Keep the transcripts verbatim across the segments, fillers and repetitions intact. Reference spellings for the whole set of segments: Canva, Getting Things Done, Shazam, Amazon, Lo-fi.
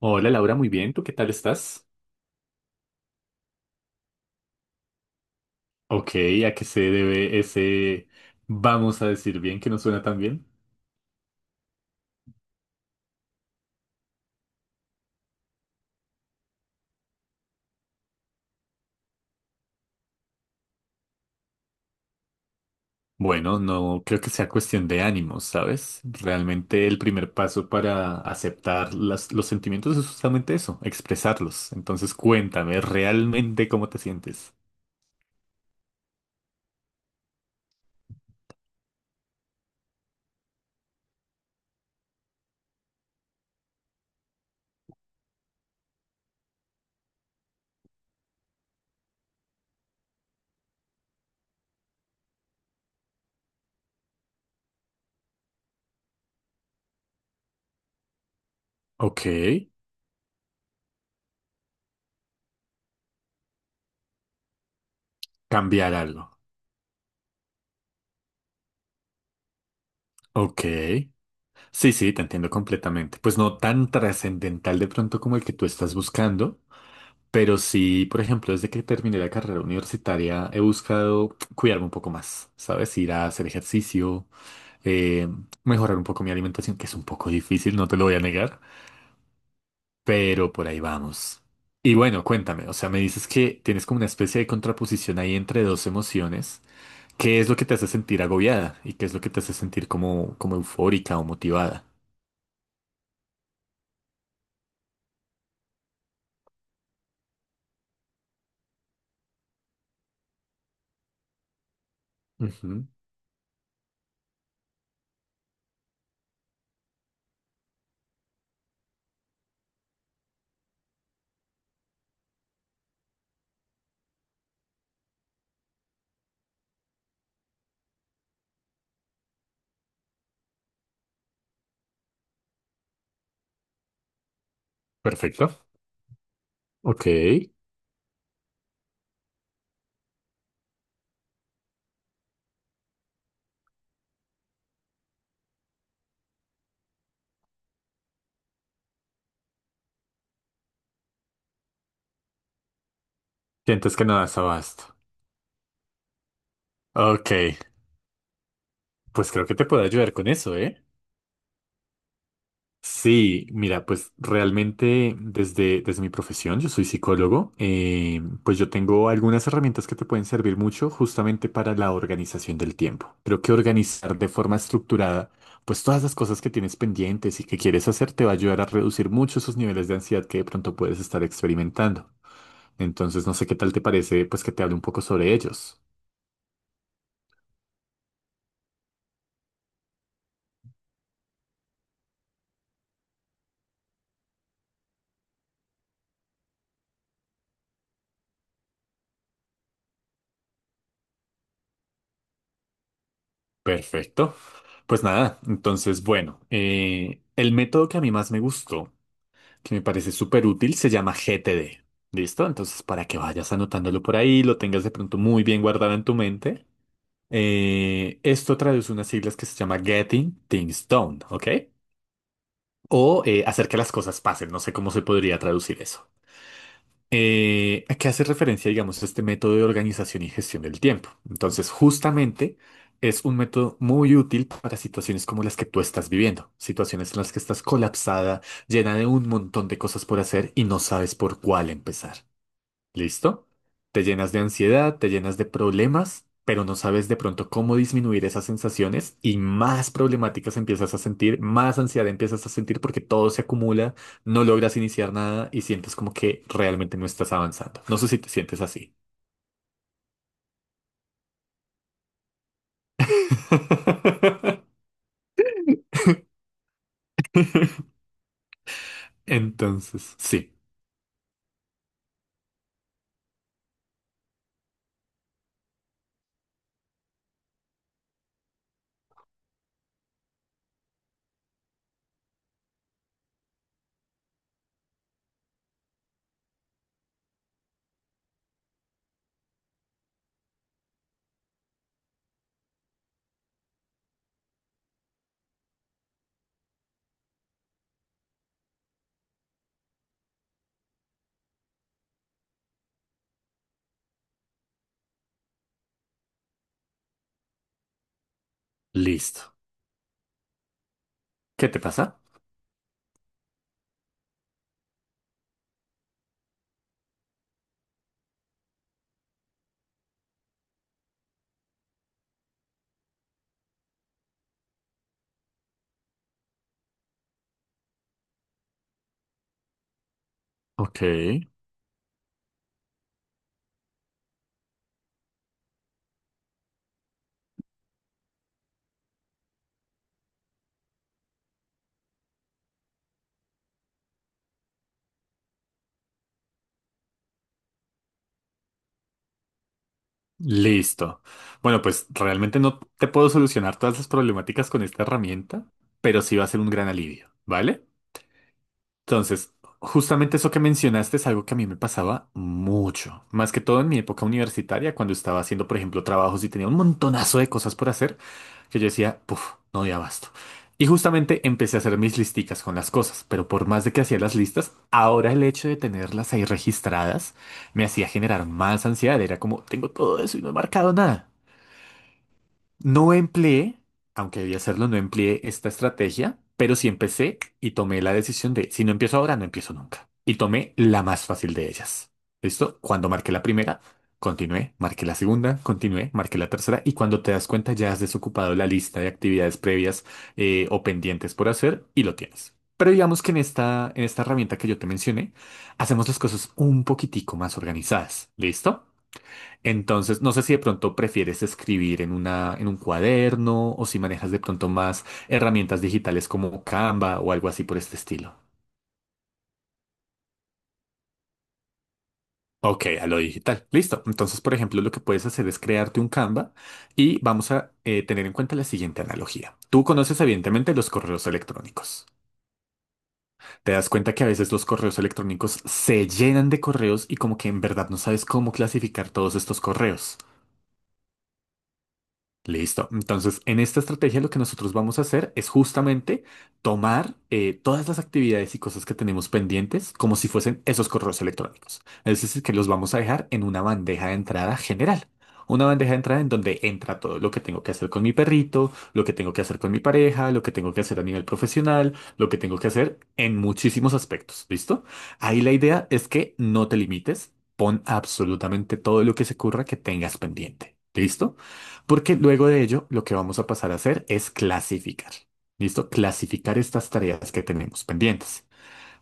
Hola Laura, muy bien, ¿tú qué tal estás? Ok, ¿a qué se debe ese vamos a decir bien que no suena tan bien? Bueno, no creo que sea cuestión de ánimos, ¿sabes? Realmente el primer paso para aceptar las- los sentimientos es justamente eso, expresarlos. Entonces cuéntame realmente cómo te sientes. Ok, cambiar algo. Ok. Sí, sí, te entiendo completamente. Pues no tan trascendental de pronto como el que tú estás buscando. Pero sí, por ejemplo, desde que terminé la carrera universitaria he buscado cuidarme un poco más, ¿sabes? Ir a hacer ejercicio, eh, mejorar un poco mi alimentación, que es un poco difícil, no te lo voy a negar, pero por ahí vamos. Y bueno, cuéntame, o sea, me dices que tienes como una especie de contraposición ahí entre dos emociones. ¿Qué es lo que te hace sentir agobiada y qué es lo que te hace sentir como, como eufórica o motivada? Ujú. Perfecto. Ok. Sientes que no das abasto. Ok. Pues creo que te puedo ayudar con eso, ¿eh? Sí, mira, pues realmente desde, desde mi profesión, yo soy psicólogo, eh, pues yo tengo algunas herramientas que te pueden servir mucho justamente para la organización del tiempo. Creo que organizar de forma estructurada, pues todas las cosas que tienes pendientes y que quieres hacer te va a ayudar a reducir mucho esos niveles de ansiedad que de pronto puedes estar experimentando. Entonces, no sé qué tal te parece, pues que te hable un poco sobre ellos. Perfecto. Pues nada, entonces, bueno, eh, el método que a mí más me gustó, que me parece súper útil, se llama G T D. ¿Listo? Entonces, para que vayas anotándolo por ahí, lo tengas de pronto muy bien guardado en tu mente. Eh, esto traduce unas siglas que se llama Getting Things Done, ¿ok? O eh, hacer que las cosas pasen. No sé cómo se podría traducir eso. Eh, ¿a qué hace referencia, digamos, este método de organización y gestión del tiempo? Entonces, justamente es un método muy útil para situaciones como las que tú estás viviendo, situaciones en las que estás colapsada, llena de un montón de cosas por hacer y no sabes por cuál empezar. ¿Listo? Te llenas de ansiedad, te llenas de problemas, pero no sabes de pronto cómo disminuir esas sensaciones y más problemáticas empiezas a sentir, más ansiedad empiezas a sentir porque todo se acumula, no logras iniciar nada y sientes como que realmente no estás avanzando. No sé si te sientes así. Entonces, sí, listo. ¿Qué te pasa? Ok, listo. Bueno, pues realmente no te puedo solucionar todas las problemáticas con esta herramienta, pero sí va a ser un gran alivio, ¿vale? Entonces, justamente eso que mencionaste es algo que a mí me pasaba mucho, más que todo en mi época universitaria, cuando estaba haciendo, por ejemplo, trabajos y tenía un montonazo de cosas por hacer, que yo decía, puff, no doy abasto. Y justamente empecé a hacer mis listicas con las cosas, pero por más de que hacía las listas, ahora el hecho de tenerlas ahí registradas me hacía generar más ansiedad, era como, tengo todo eso y no he marcado nada. No empleé, aunque debía hacerlo, no empleé esta estrategia, pero sí empecé y tomé la decisión de, si no empiezo ahora, no empiezo nunca. Y tomé la más fácil de ellas. ¿Listo? Cuando marqué la primera, continué, marqué la segunda, continué, marqué la tercera y cuando te das cuenta ya has desocupado la lista de actividades previas, eh, o pendientes por hacer y lo tienes. Pero digamos que en esta, en esta herramienta que yo te mencioné, hacemos las cosas un poquitico más organizadas. ¿Listo? Entonces, no sé si de pronto prefieres escribir en una, en un cuaderno o si manejas de pronto más herramientas digitales como Canva o algo así por este estilo. Ok, a lo digital. Listo. Entonces, por ejemplo, lo que puedes hacer es crearte un Canva y vamos a eh, tener en cuenta la siguiente analogía. Tú conoces evidentemente los correos electrónicos. Te das cuenta que a veces los correos electrónicos se llenan de correos y como que en verdad no sabes cómo clasificar todos estos correos. Listo. Entonces, en esta estrategia lo que nosotros vamos a hacer es justamente tomar eh, todas las actividades y cosas que tenemos pendientes como si fuesen esos correos electrónicos. Es decir, que los vamos a dejar en una bandeja de entrada general. Una bandeja de entrada en donde entra todo lo que tengo que hacer con mi perrito, lo que tengo que hacer con mi pareja, lo que tengo que hacer a nivel profesional, lo que tengo que hacer en muchísimos aspectos. ¿Listo? Ahí la idea es que no te limites, pon absolutamente todo lo que se ocurra que tengas pendiente. ¿Listo? Porque luego de ello, lo que vamos a pasar a hacer es clasificar. ¿Listo? Clasificar estas tareas que tenemos pendientes.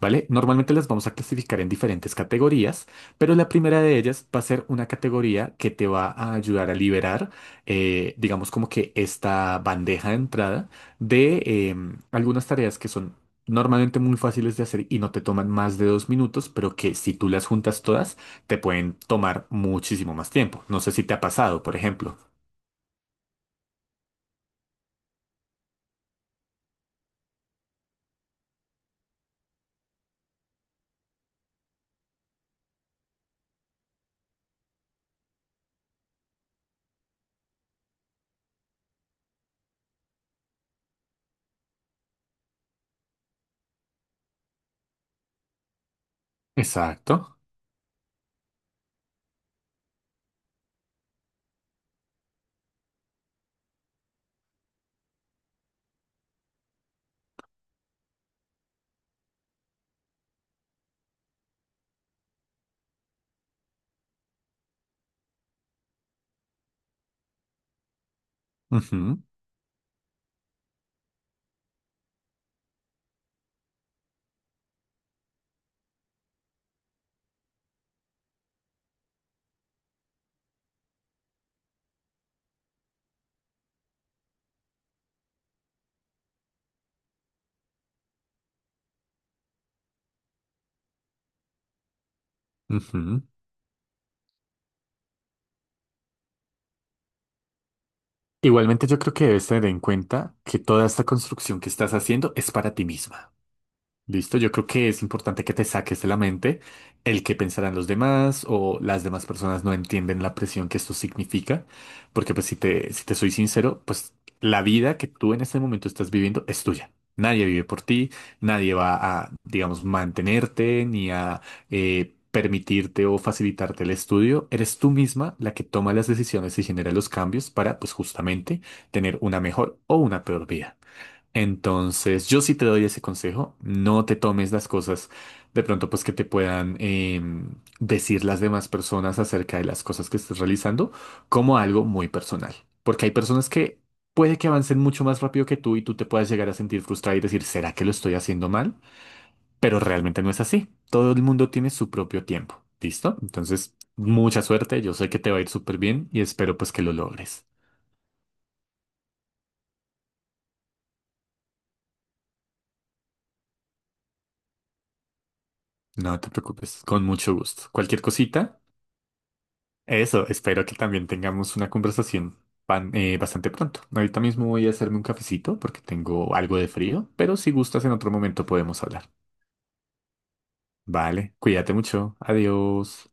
¿Vale? Normalmente las vamos a clasificar en diferentes categorías, pero la primera de ellas va a ser una categoría que te va a ayudar a liberar, eh, digamos como que esta bandeja de entrada de eh, algunas tareas que son normalmente muy fáciles de hacer y no te toman más de dos minutos, pero que si tú las juntas todas, te pueden tomar muchísimo más tiempo. No sé si te ha pasado, por ejemplo. Exacto. Ujú, ujú. Igualmente yo creo que debes tener en cuenta que toda esta construcción que estás haciendo es para ti misma. Listo, yo creo que es importante que te saques de la mente el que pensarán los demás o las demás personas no entienden la presión que esto significa, porque pues si te, si te soy sincero, pues la vida que tú en este momento estás viviendo es tuya. Nadie vive por ti, nadie va a, digamos, mantenerte ni a eh, permitirte o facilitarte el estudio. Eres tú misma la que toma las decisiones y genera los cambios para, pues justamente, tener una mejor o una peor vida. Entonces, yo sí te doy ese consejo, no te tomes las cosas de pronto pues que te puedan em, decir las demás personas acerca de las cosas que estés realizando como algo muy personal, porque hay personas que puede que avancen mucho más rápido que tú y tú te puedas llegar a sentir frustrada y decir, ¿será que lo estoy haciendo mal? Pero realmente no es así, todo el mundo tiene su propio tiempo, ¿listo? Entonces, mucha suerte, yo sé que te va a ir súper bien y espero pues que lo logres. No te preocupes, con mucho gusto. Cualquier cosita. Eso, espero que también tengamos una conversación pan- eh, bastante pronto. Ahorita mismo voy a hacerme un cafecito porque tengo algo de frío, pero si gustas en otro momento podemos hablar. Vale, cuídate mucho. Adiós.